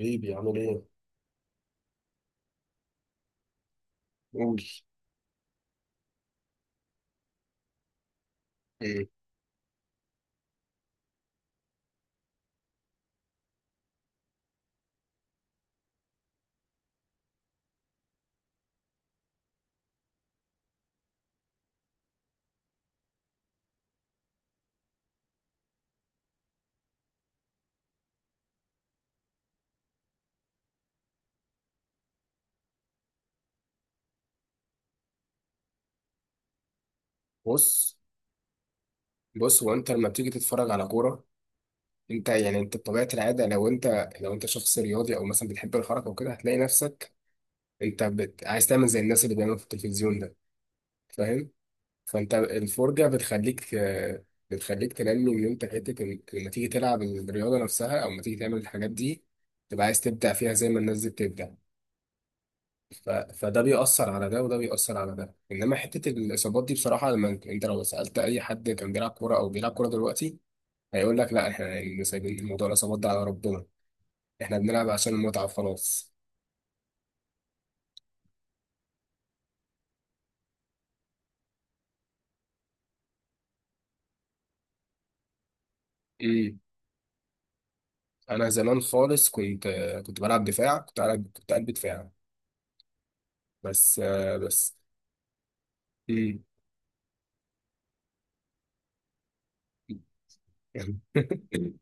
حبيبي عامل ايه؟ قول. مم. بص بص هو انت لما بتيجي تتفرج على كوره، انت يعني انت بطبيعه العاده لو انت شخص رياضي او مثلا بتحب الحركه وكده هتلاقي نفسك عايز تعمل زي الناس اللي بيعملوا في التلفزيون ده. فاهم؟ فانت الفرجه بتخليك، بتخليك تنمي ان انت حته لما تيجي تلعب الرياضه نفسها او لما تيجي تعمل الحاجات دي تبقى عايز تبدع فيها زي ما الناس دي بتبدع. فده بيأثر على ده وده بيأثر على ده، انما حتة الاصابات دي بصراحة لما أنت لو سألت اي حد كان بيلعب كورة او بيلعب كورة دلوقتي هيقول لك لا، احنا اللي سايبين موضوع الاصابات ده على ربنا. احنا بنلعب عشان المتعة خلاص. امم انا زمان خالص كنت، كنت بلعب دفاع، كنت قلب، كنت قلب دفاع. بس بس. امم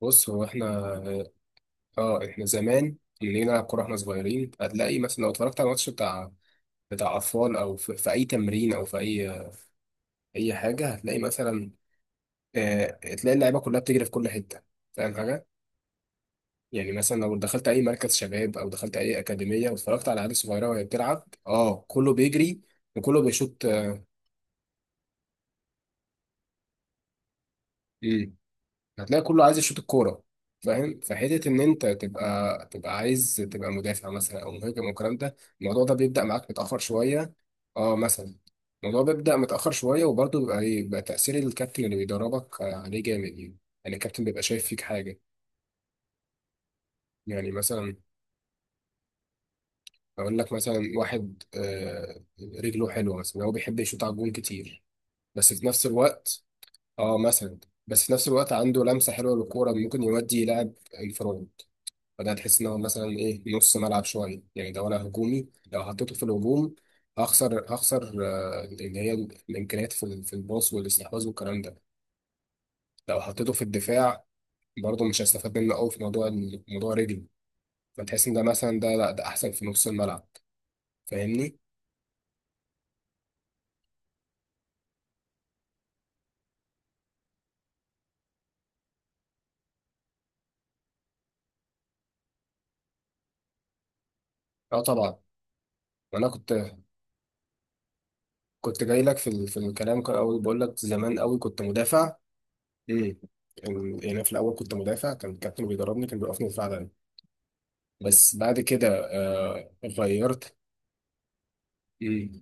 بص هو احنا، اه احنا زمان اللي نلعب كورة احنا صغيرين هتلاقي مثلا لو اتفرجت على الماتش بتاع، بتاع اطفال او في اي تمرين او في اي حاجه هتلاقي مثلا تلاقي اللعيبه كلها بتجري في كل حته. فاهم حاجه؟ يعني مثلا لو دخلت اي مركز شباب او دخلت اي اكاديميه واتفرجت على عيال صغيره وهي بتلعب، اه كله بيجري وكله بيشوط. مم. هتلاقي كله عايز يشوط الكوره. فاهم؟ فحته ان انت تبقى عايز تبقى مدافع مثلا او مهاجم والكلام ده، الموضوع ده بيبدا معاك متاخر شويه. اه مثلا الموضوع بيبدا متاخر شويه، وبرضه بيبقى بيبقى تاثير الكابتن اللي بيدربك عليه جامد يعني. يعني الكابتن بيبقى شايف فيك حاجه. يعني مثلا اقول لك مثلا واحد رجله حلوه مثلا، هو بيحب يشوط على الجون كتير، بس في نفس الوقت، اه مثلا، بس في نفس الوقت عنده لمسه حلوه للكوره، ممكن يودي يلعب الفرونت. فده تحس ان هو مثلا ايه، نص ملعب شويه يعني ده، ولا هجومي؟ لو حطيته في الهجوم هخسر، هخسر اللي هي الامكانيات في في الباص والاستحواذ والكلام ده. لو حطيته في الدفاع برضه مش هستفاد منه قوي في موضوع موضوع رجلي. فتحس ان ده مثلا، ده لا، ده احسن في نص الملعب. فاهمني؟ اه طبعا. وانا كنت كنت جاي لك في في الكلام، كان اول بقول لك زمان قوي كنت مدافع. امم، يعني في الاول كنت مدافع، كان الكابتن بيدربني، كان بيوقفني دفاع دايما. بس بعد كده آه غيرت. امم.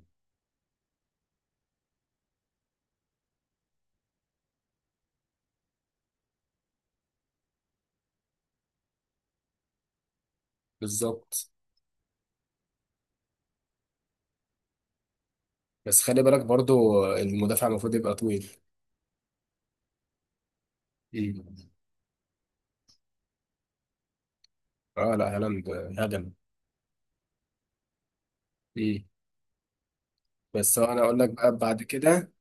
بالظبط. بس خلي بالك برضو، المدافع المفروض يبقى طويل. امم. اه لا هالاند هجم. امم. بس هو انا اقول لك بقى، بعد كده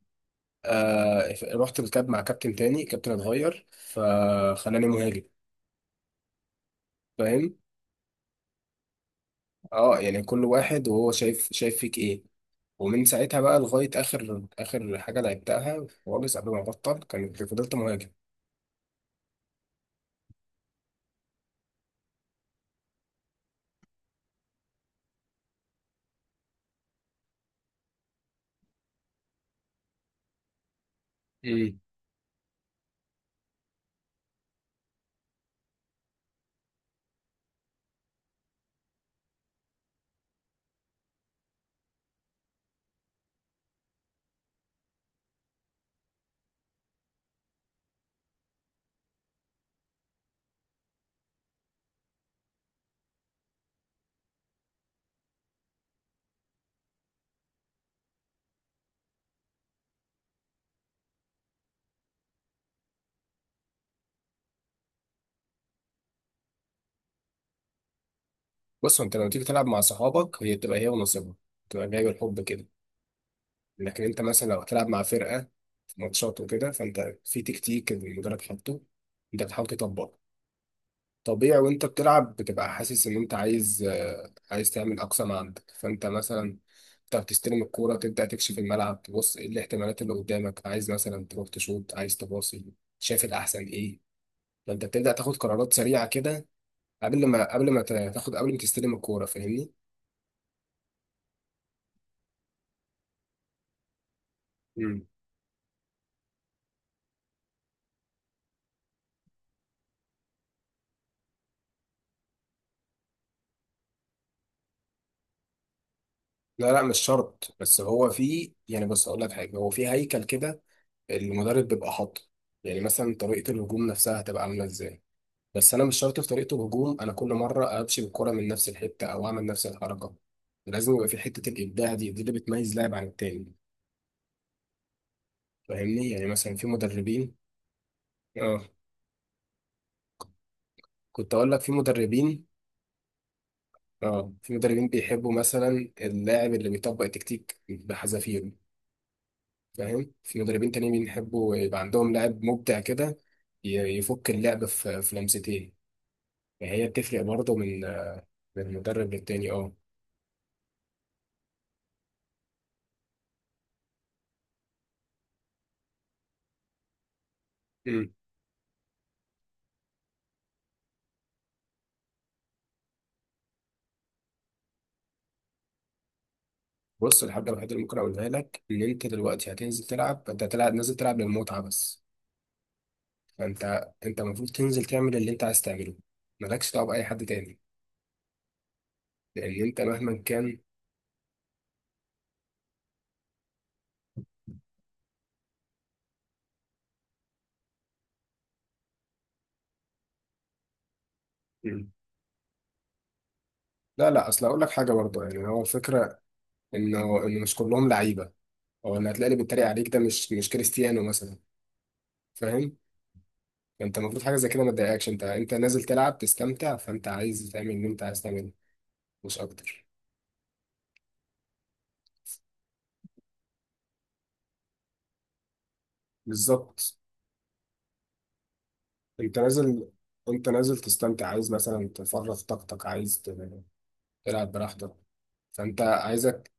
آه رحت الكاب مع كابتن تاني، كابتن اتغير فخلاني مهاجم. فاهم؟ اه، يعني كل واحد وهو شايف، فيك ايه. ومن ساعتها بقى لغاية آخر حاجة لعبتها خالص قبل ما أبطل، كانت فضلت مهاجم. امم. بص أنت لو تيجي تلعب مع صحابك، هي بتبقى هي ونصيبها، بتبقى جاي بالحب كده. لكن أنت مثلا لو هتلعب مع فرقة في ماتشات وكده، فأنت في تكتيك المدرب حاطه، أنت بتحاول تطبقه. طبيعي وأنت بتلعب بتبقى حاسس إن أنت عايز، عايز تعمل أقصى ما عندك. فأنت مثلا أنت بتستلم الكورة، تبدأ تكشف الملعب، تبص إيه الاحتمالات اللي قدامك، عايز مثلا تروح تشوط، عايز تباصي، شايف الأحسن إيه. فانت بتبدا تاخد قرارات سريعه كده قبل ما تستلم الكوره. فاهمني؟ امم. لا لا مش شرط، بس هو في يعني، بص اقول لك حاجه، هو في هيكل كده المدرب بيبقى حاطه. يعني مثلا طريقه الهجوم نفسها هتبقى عامله ازاي. بس انا مش شرط في طريقه الهجوم انا كل مره امشي بالكوره من نفس الحته او اعمل نفس الحركه، لازم يبقى في حته الابداع دي اللي بتميز لاعب عن التاني. فاهمني؟ يعني مثلا في مدربين، اه كنت اقول لك في مدربين، اه في مدربين بيحبوا مثلا اللاعب اللي بيطبق التكتيك بحذافيره. فاهم؟ في مدربين تانيين بيحبوا يبقى عندهم لاعب مبدع كده، يفك اللعب في لمستين. فهي بتفرق برضه من، من مدرب للتاني. اه. مم. بص الحاجة الوحيدة اللي ممكن أقولها لك إن أنت دلوقتي هتنزل تلعب، أنت هتلعب نازل تلعب للمتعة بس. فأنت المفروض تنزل تعمل اللي أنت عايز تعمله. مالكش دعوة بأي حد تاني، لأن أنت مهما كان. مم. لا لا، أصل هقول لك حاجة برضه، يعني هو الفكرة انه مش كلهم لعيبه، او ان هتلاقي اللي بيتريق عليك ده مش، مش كريستيانو مثلا. فاهم؟ انت المفروض حاجه زي كده ما تضايقكش، انت انت نازل تلعب تستمتع، فانت عايز تعمل اللي انت عايز تعمله، مش اكتر. بالظبط. انت نازل انت نازل تستمتع، عايز مثلا تفرغ طاقتك، عايز تلعب براحتك. فانت عايزك.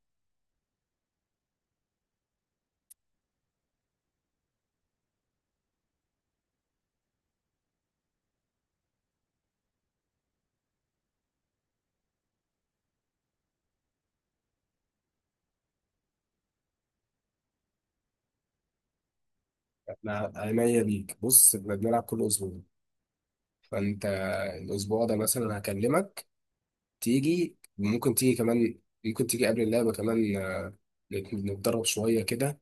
أنا عينيا ليك. بص احنا بنلعب كل اسبوع، فانت الاسبوع ده مثلا هكلمك تيجي، ممكن تيجي كمان، ممكن تيجي قبل اللعبه كمان، نتدرب شوية كده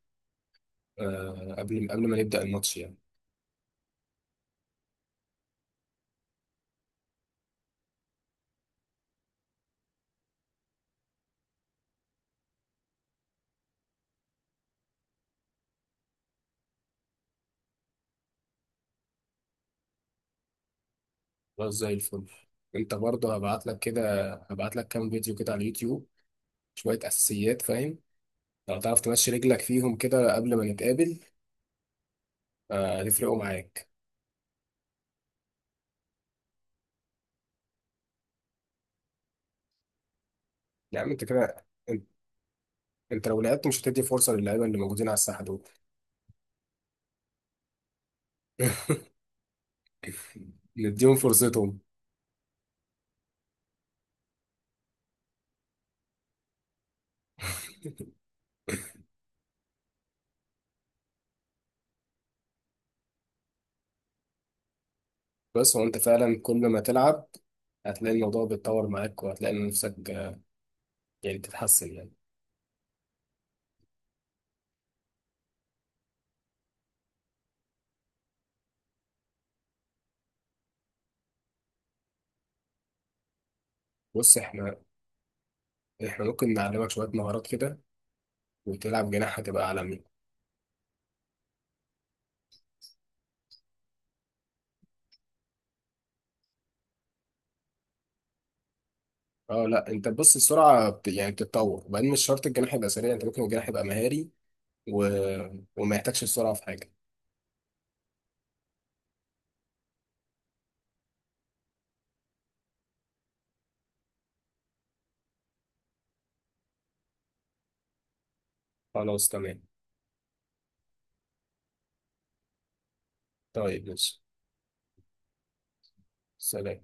قبل ما نبدأ الماتش يعني. خلاص زي الفل. انت برضه هبعت لك كام فيديو كده على اليوتيوب، شوية أساسيات. فاهم؟ لو تعرف تمشي رجلك فيهم كده قبل ما نتقابل، هتفرقوا معاك. يا عم انت كده، انت لو لعبت مش هتدي فرصة للعيبة اللي موجودين على الساحة دول. نديهم فرصتهم. بس هو انت فعلا كل ما تلعب هتلاقي الموضوع بيتطور معاك، وهتلاقي نفسك، يعني تتحسن يعني. بص احنا، احنا ممكن نعلمك شوية مهارات كده وتلعب جناح هتبقى عالمي. اه لا انت بص، يعني بتتطور، وبعدين مش شرط الجناح يبقى سريع، انت ممكن الجناح يبقى مهاري و... وما يحتاجش السرعة في حاجة. خلاص تمام. طيب ماشي. سلام.